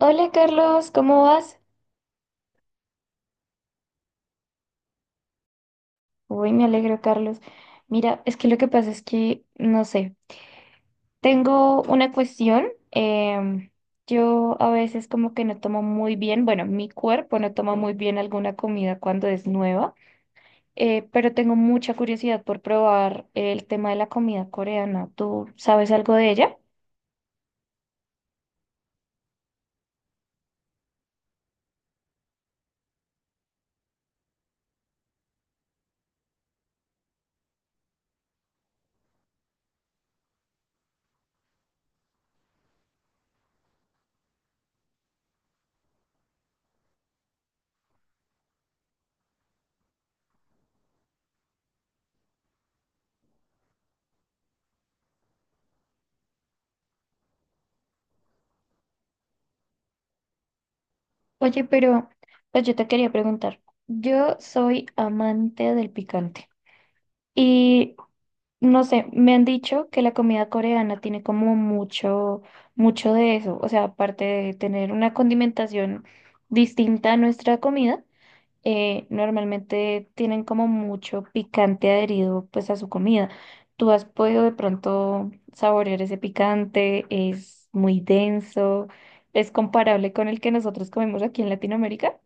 Hola Carlos, ¿cómo vas? Uy, me alegro, Carlos. Mira, es que lo que pasa es que, no sé, tengo una cuestión. Yo a veces como que no tomo muy bien, bueno, mi cuerpo no toma muy bien alguna comida cuando es nueva, pero tengo mucha curiosidad por probar el tema de la comida coreana. ¿Tú sabes algo de ella? Oye, pero pues yo te quería preguntar, yo soy amante del picante. Y No sé, me han dicho que la comida coreana tiene como mucho, mucho de eso. O sea, aparte de tener una condimentación distinta a nuestra comida, normalmente tienen como mucho picante adherido pues a su comida. ¿Tú has podido de pronto saborear ese picante? ¿Es muy denso? ¿Es comparable con el que nosotros comemos aquí en Latinoamérica?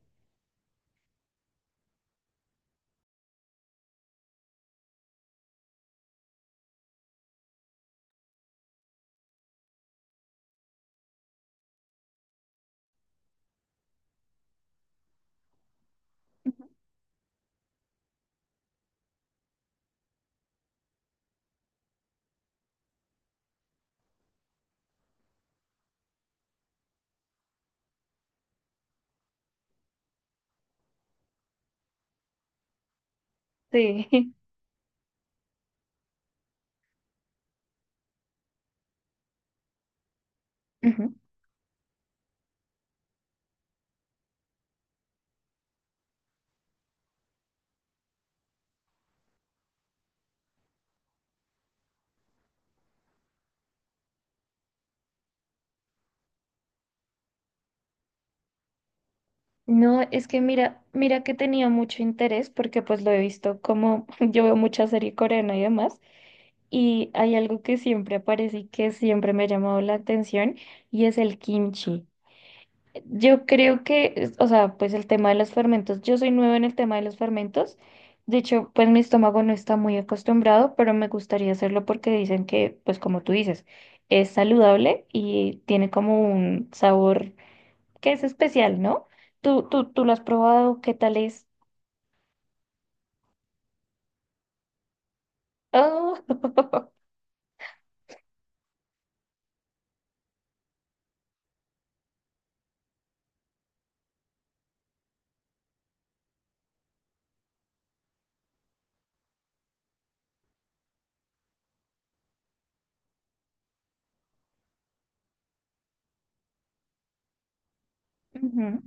Sí. No, es que mira, mira que tenía mucho interés porque pues lo he visto como yo veo mucha serie coreana y demás, y hay algo que siempre aparece y que siempre me ha llamado la atención y es el kimchi. Yo creo que, es- o sea, pues el tema de los fermentos, yo soy nueva en el tema de los fermentos, de hecho pues mi estómago no está muy acostumbrado, pero me gustaría hacerlo porque dicen que pues como tú dices, es saludable y tiene como un sabor que es especial, ¿no? Tú lo has probado, ¿qué tal es? Oh. Ujú.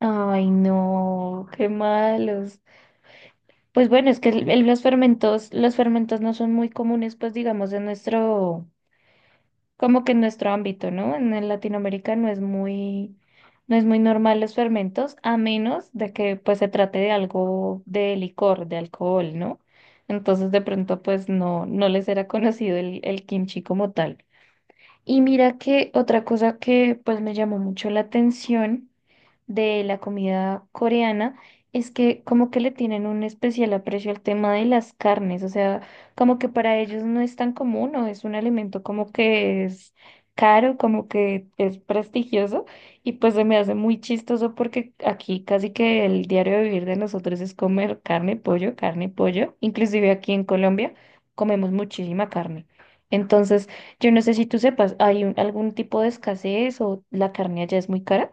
Ay, no, qué malos. Pues bueno, es que el- los fermentos no son muy comunes, pues digamos, en nuestro, como que en nuestro ámbito, ¿no? En Latinoamérica no es muy, no es muy normal los fermentos, a menos de que pues se trate de algo de licor, de alcohol, ¿no? Entonces de pronto pues no, no les era conocido el kimchi como tal. Y mira que otra cosa que pues me llamó mucho la atención de la comida coreana es que como que le tienen un especial aprecio al tema de las carnes, o sea, como que para ellos no es tan común o es un alimento como que es caro, como que es prestigioso y pues se me hace muy chistoso porque aquí casi que el diario de vivir de nosotros es comer carne, pollo, inclusive aquí en Colombia comemos muchísima carne. Entonces, yo no sé si tú sepas, ¿hay un- algún tipo de escasez o la carne allá es muy cara?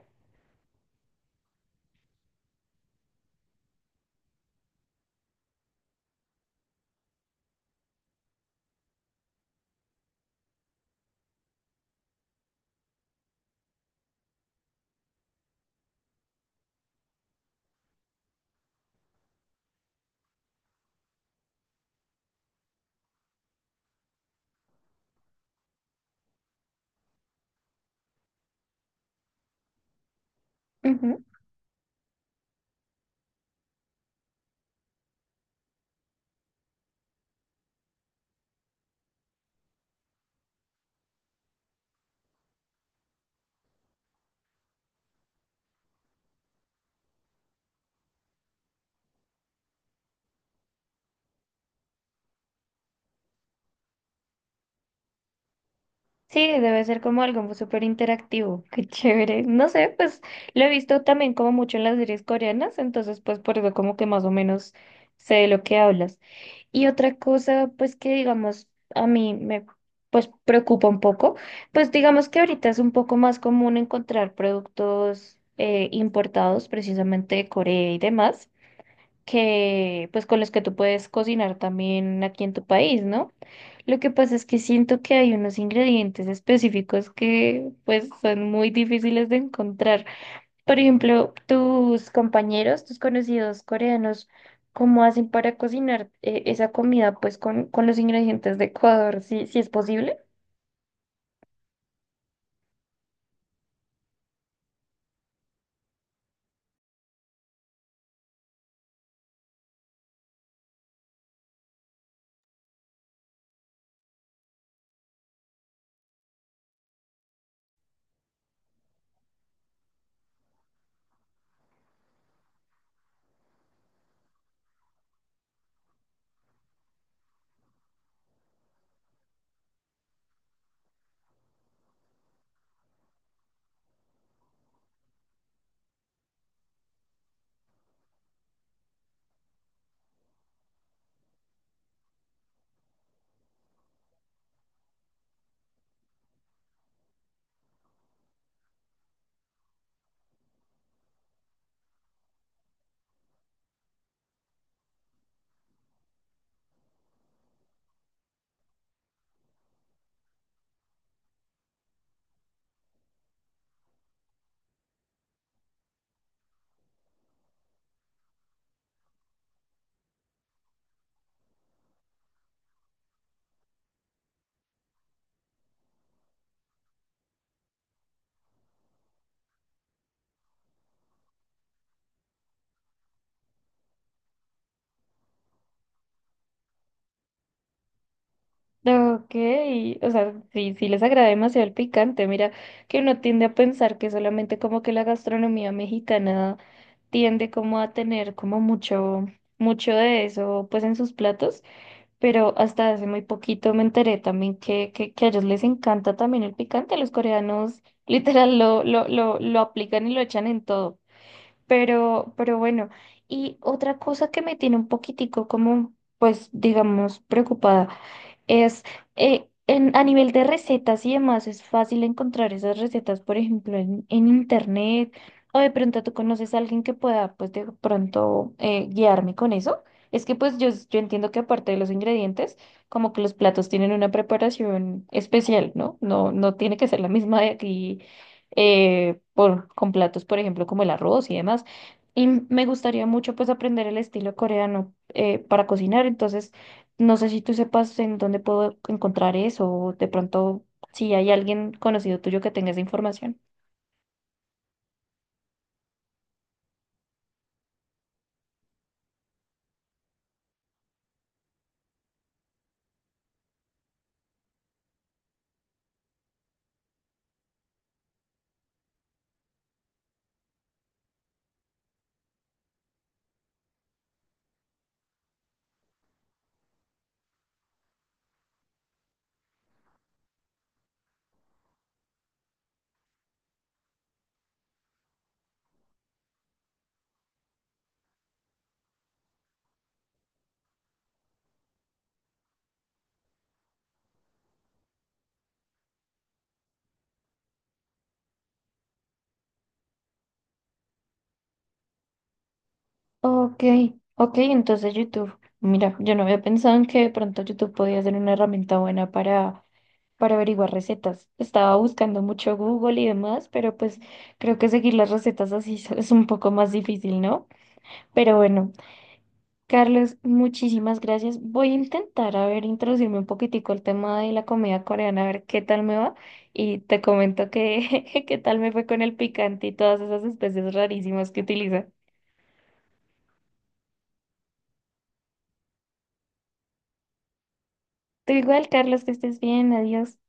Sí, debe ser como algo súper interactivo. Qué chévere. No sé, pues lo he visto también como mucho en las series coreanas, entonces pues por eso como que más o menos sé de lo que hablas. Y otra cosa, pues que digamos, a mí me pues preocupa un poco, pues digamos que ahorita es un poco más común encontrar productos importados precisamente de Corea y demás, que pues con los que tú puedes cocinar también aquí en tu país, ¿no? Lo que pasa es que siento que hay unos ingredientes específicos que pues son muy difíciles de encontrar. Por ejemplo, tus compañeros, tus conocidos coreanos, ¿cómo hacen para cocinar esa comida pues con los ingredientes de Ecuador? ¿Sí, sí es posible? Ok, o sea, sí, sí les agrada demasiado el picante. Mira, que uno tiende a pensar que solamente como que la gastronomía mexicana tiende como a tener como mucho, mucho de eso pues en sus platos. Pero hasta hace muy poquito me enteré también que a ellos les encanta también el picante. Los coreanos literal lo aplican y lo echan en todo. Pero bueno, y otra cosa que me tiene un poquitico como, pues, digamos, preocupada. Es a nivel de recetas y demás, es fácil encontrar esas recetas, por ejemplo, en internet, o de pronto tú conoces a alguien que pueda, pues de pronto guiarme con eso. Es que pues yo entiendo que aparte de los ingredientes, como que los platos tienen una preparación especial, ¿no? No, no tiene que ser la misma de aquí con platos, por ejemplo, como el arroz y demás. Y me gustaría mucho pues aprender el estilo coreano para cocinar, entonces... No sé si tú sepas en dónde puedo encontrar eso o de pronto si hay alguien conocido tuyo que tenga esa información. Ok, ok, entonces YouTube. Mira, yo no había pensado en que de pronto YouTube podía ser una herramienta buena para averiguar recetas. Estaba buscando mucho Google y demás, pero pues creo que seguir las recetas así es un poco más difícil, ¿no? Pero bueno, Carlos, muchísimas gracias. Voy a intentar, a ver, introducirme un poquitico al tema de la comida coreana, a ver qué tal me va. Y te comento que qué tal me fue con el picante y todas esas especies rarísimas que utiliza. Tú igual, Carlos, que estés bien, adiós.